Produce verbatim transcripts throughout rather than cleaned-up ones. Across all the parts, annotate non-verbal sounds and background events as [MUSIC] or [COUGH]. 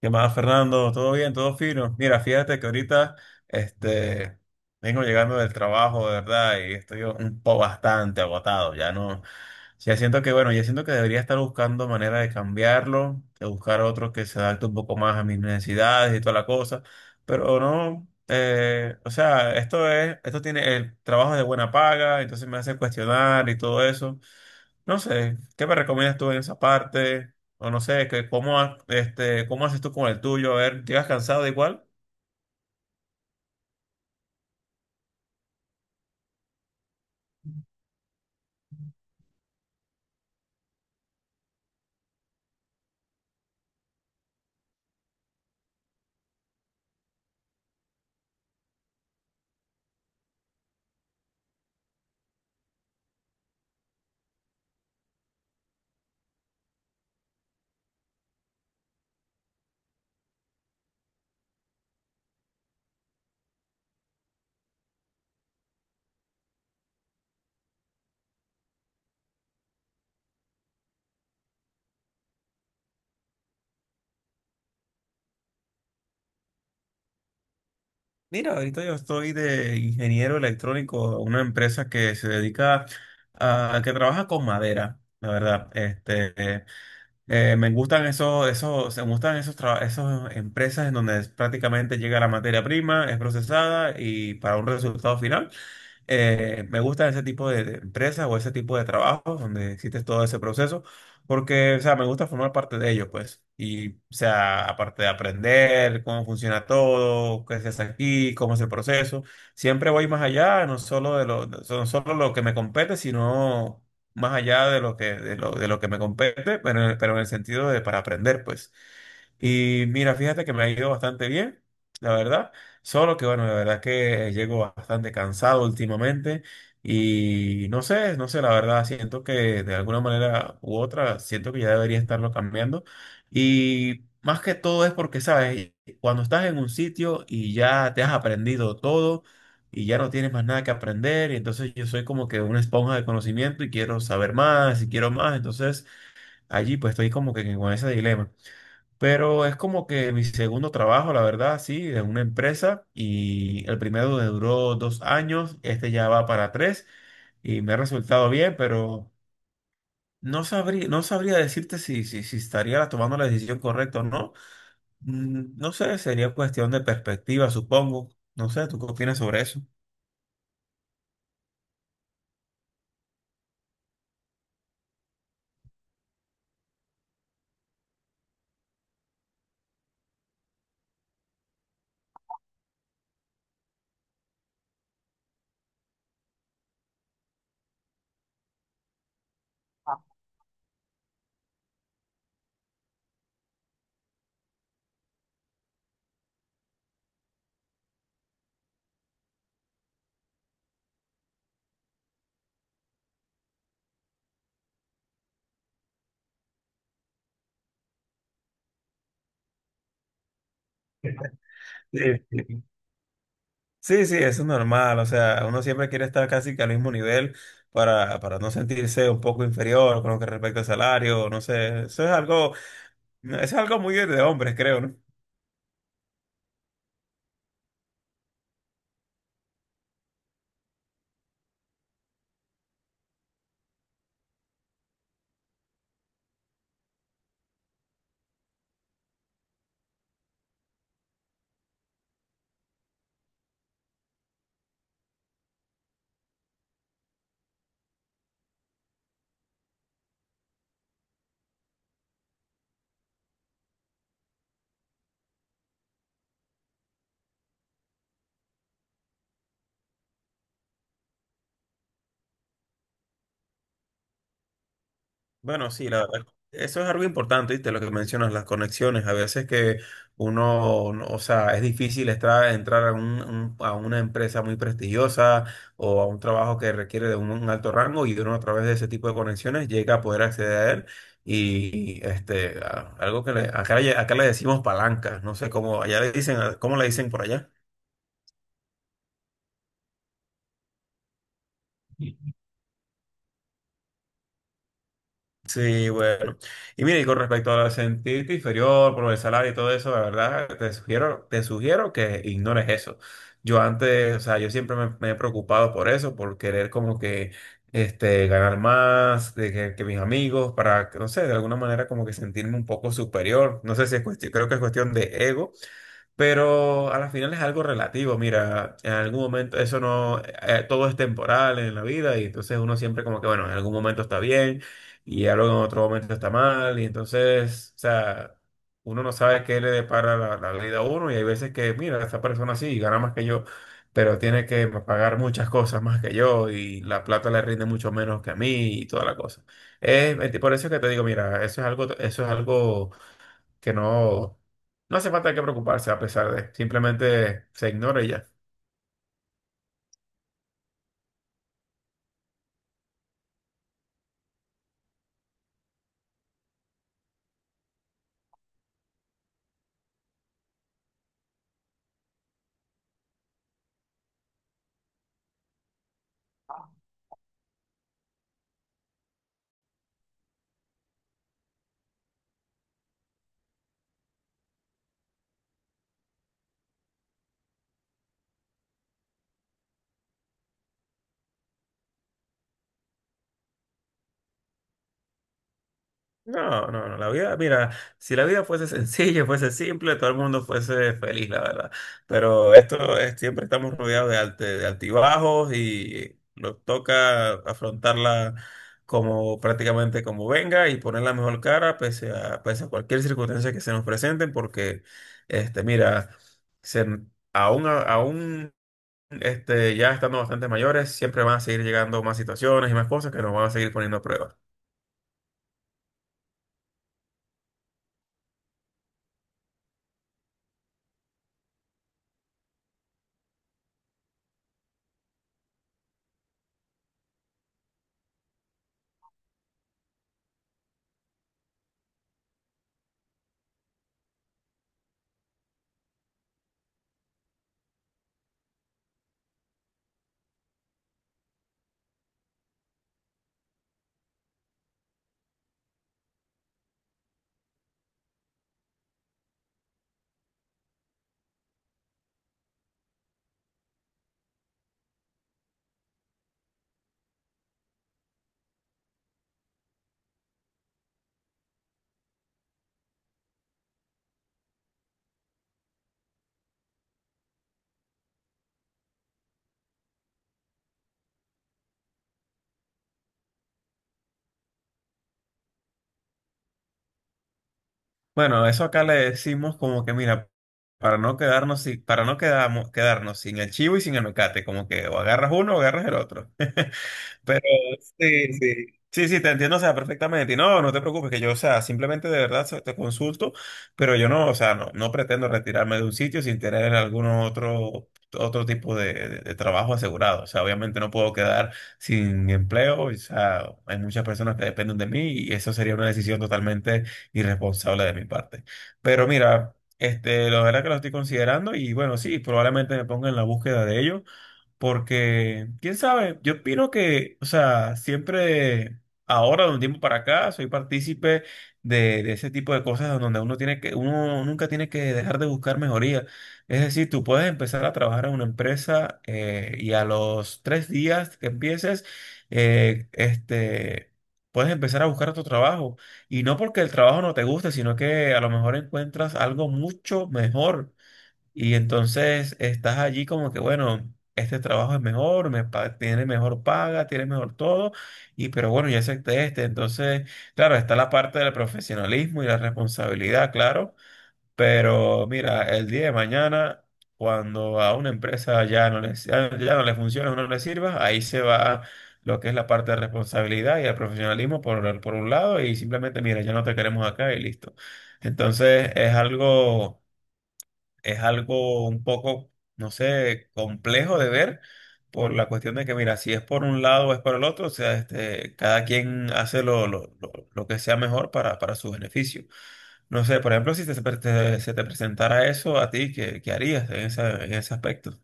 ¿Qué más, Fernando? ¿Todo bien? ¿Todo fino? Mira, fíjate que ahorita este, vengo llegando del trabajo, de verdad, y estoy un poco bastante agotado. Ya no, ya siento que, bueno, ya siento que debería estar buscando manera de cambiarlo, de buscar otro que se adapte un poco más a mis necesidades y toda la cosa, pero no, eh, o sea, esto es, esto tiene el trabajo de buena paga, entonces me hace cuestionar y todo eso. No sé, ¿qué me recomiendas tú en esa parte? O no sé, que cómo, ha- este, ¿cómo haces tú con el tuyo? A ver, ¿llegas cansado igual? Mira, ahorita yo estoy de ingeniero electrónico en una empresa que se dedica a, que trabaja con madera, la verdad. Este, eh, eh, me gustan esos, esos, me gustan esos, traba- esos empresas en donde es- prácticamente llega la materia prima, es procesada y para un resultado final. Eh, me gustan ese tipo de, de empresas o ese tipo de trabajos donde existe todo ese proceso, porque, o sea, me gusta formar parte de ellos, pues. Y, o sea, aparte de aprender cómo funciona todo, qué se hace aquí, cómo es el proceso, siempre voy más allá, no solo de lo, no solo lo que me compete, sino más allá de lo que, de lo, de lo que me compete, pero, en el- pero en el sentido de para aprender, pues. Y mira, fíjate que me ha ido bastante bien, la verdad. Solo que bueno, la verdad que llego bastante cansado últimamente y no sé, no sé, la verdad siento que de alguna manera u otra siento que ya debería estarlo cambiando. Y más que todo es porque, sabes, cuando estás en un sitio y ya te has aprendido todo y ya no tienes más nada que aprender, y entonces yo soy como que una esponja de conocimiento y quiero saber más y quiero más, entonces allí pues estoy como que con ese dilema. Pero es como que mi segundo trabajo, la verdad, sí, de una empresa. Y el primero me duró dos años, este ya va para tres y me ha resultado bien, pero no sabría, no sabría decirte si, si, si estaría tomando la decisión correcta o no. Mm, no sé, sería cuestión de perspectiva, supongo. No sé, ¿tú qué opinas sobre eso? Sí, sí, sí, eso es normal. O sea, uno siempre quiere estar casi que al mismo nivel para, para no sentirse un poco inferior con lo que respecta al salario. No sé, eso es algo. No, eso es algo muy de hombres, creo, ¿no? Bueno, sí, la verdad. Eso es algo importante, ¿viste? Lo que mencionas, las conexiones. A veces que uno, no- o sea, es difícil estar, entrar a, un- un- a una empresa muy prestigiosa o a un trabajo que requiere de un, un alto rango y uno a través de ese tipo de conexiones llega a poder acceder a él. Y este, a- algo que le- acá, le- acá le decimos palancas, no sé cómo, allá le dicen, ¿cómo le dicen por allá? Sí, bueno. Y mira, y con respecto a sentirte inferior por el salario y todo eso, la verdad, te sugiero, te sugiero que ignores eso. Yo antes, o sea, yo siempre me, me he preocupado por eso, por querer como que este, ganar más de que, que mis amigos, para, que, no sé, de alguna manera como que sentirme un poco superior. No sé si es cuestión, creo que es cuestión de ego, pero a la final es algo relativo. Mira, en algún momento eso no, eh, todo es temporal en la vida y entonces uno siempre como que, bueno, en algún momento está bien y algo en otro momento está mal y entonces, o sea, uno no sabe qué le depara la, la vida a uno. Y hay veces que, mira, esta persona sí gana más que yo, pero tiene que pagar muchas cosas más que yo y la plata le rinde mucho menos que a mí y toda la cosa. Es, por eso es que te digo, mira, eso es algo, eso es algo que no, no hace falta que preocuparse. A pesar de, simplemente se ignora y ya. No, no, no, la vida, mira, si la vida fuese [LAUGHS] sencilla, fuese simple, todo el mundo fuese feliz, la verdad. Pero esto es, siempre estamos rodeados de, alte- de altibajos y nos toca afrontarla como prácticamente como venga y poner la mejor cara pese a, pese a cualquier circunstancia que se nos presenten, porque, este, mira, se, aún, aún este, ya estando bastante mayores, siempre van a seguir llegando más situaciones y más cosas que nos van a seguir poniendo a prueba. Bueno, eso acá le decimos como que, mira, para no quedarnos sin, para no quedamo- quedarnos sin el chivo y sin el mecate, como que o agarras uno o agarras el otro. [LAUGHS] Sí, sí. Sí, sí, te entiendo, o sea, perfectamente. Y no, no te preocupes, que yo, o sea, simplemente de verdad so- te consulto, pero yo no, o sea, no, no pretendo retirarme de un sitio sin tener algún otro, otro tipo de, de- de trabajo asegurado. O sea, obviamente no puedo quedar sin empleo, o sea, hay muchas personas que dependen de mí y eso sería una decisión totalmente irresponsable de mi parte. Pero mira, este, la verdad que lo estoy considerando y bueno, sí, probablemente me ponga en la búsqueda de ello. Porque, quién sabe, yo opino que, o sea, siempre, ahora de un tiempo para acá, soy partícipe de, de ese tipo de cosas donde uno tiene que, uno nunca tiene que dejar de buscar mejoría. Es decir, tú puedes empezar a trabajar en una empresa eh, y a los tres días que empieces, eh, este, puedes empezar a buscar otro trabajo. Y no porque el trabajo no te guste, sino que a lo mejor encuentras algo mucho mejor. Y entonces estás allí como que, bueno, este trabajo es mejor, me pa- tiene mejor paga, tiene mejor todo, y pero bueno, ya acepté este. Entonces, claro, está la parte del profesionalismo y la responsabilidad, claro, pero mira, el día de mañana, cuando a una empresa ya no le, ya no le funciona o no le sirva, ahí se va lo que es la parte de responsabilidad y el profesionalismo por, por un lado, y simplemente, mira, ya no te queremos acá y listo. Entonces, es algo, es algo un poco, no sé, complejo de ver por la cuestión de que, mira, si es por un lado o es por el otro, o sea, este, cada quien hace lo, lo- lo- lo que sea mejor para, para su beneficio. No sé, por ejemplo, si te- se pre- te- se te presentara eso a ti, ¿qué, qué harías en esa- en ese aspecto?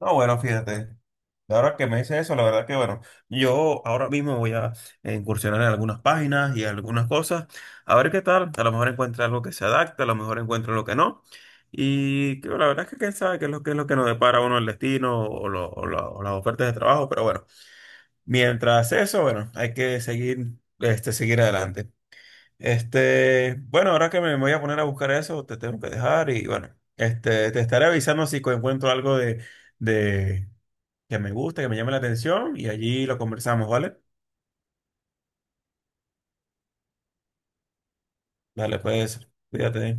No, bueno, fíjate. Ahora que me dice eso, la verdad que bueno, yo ahora mismo voy a eh, incursionar en algunas páginas y algunas cosas, a ver qué tal, a lo mejor encuentro algo que se adapte, a lo mejor encuentro lo que no, y que la verdad es que quién sabe qué es lo que es lo que nos depara a uno el destino o, lo- o la- o las ofertas de trabajo, pero bueno, mientras eso, bueno, hay que seguir, este, seguir adelante. Este, bueno, ahora que me voy a poner a buscar eso, te tengo que dejar y bueno, este, te estaré avisando si encuentro algo de de- que me guste, que me llame la atención y allí lo conversamos, ¿vale? Dale, pues, cuídate.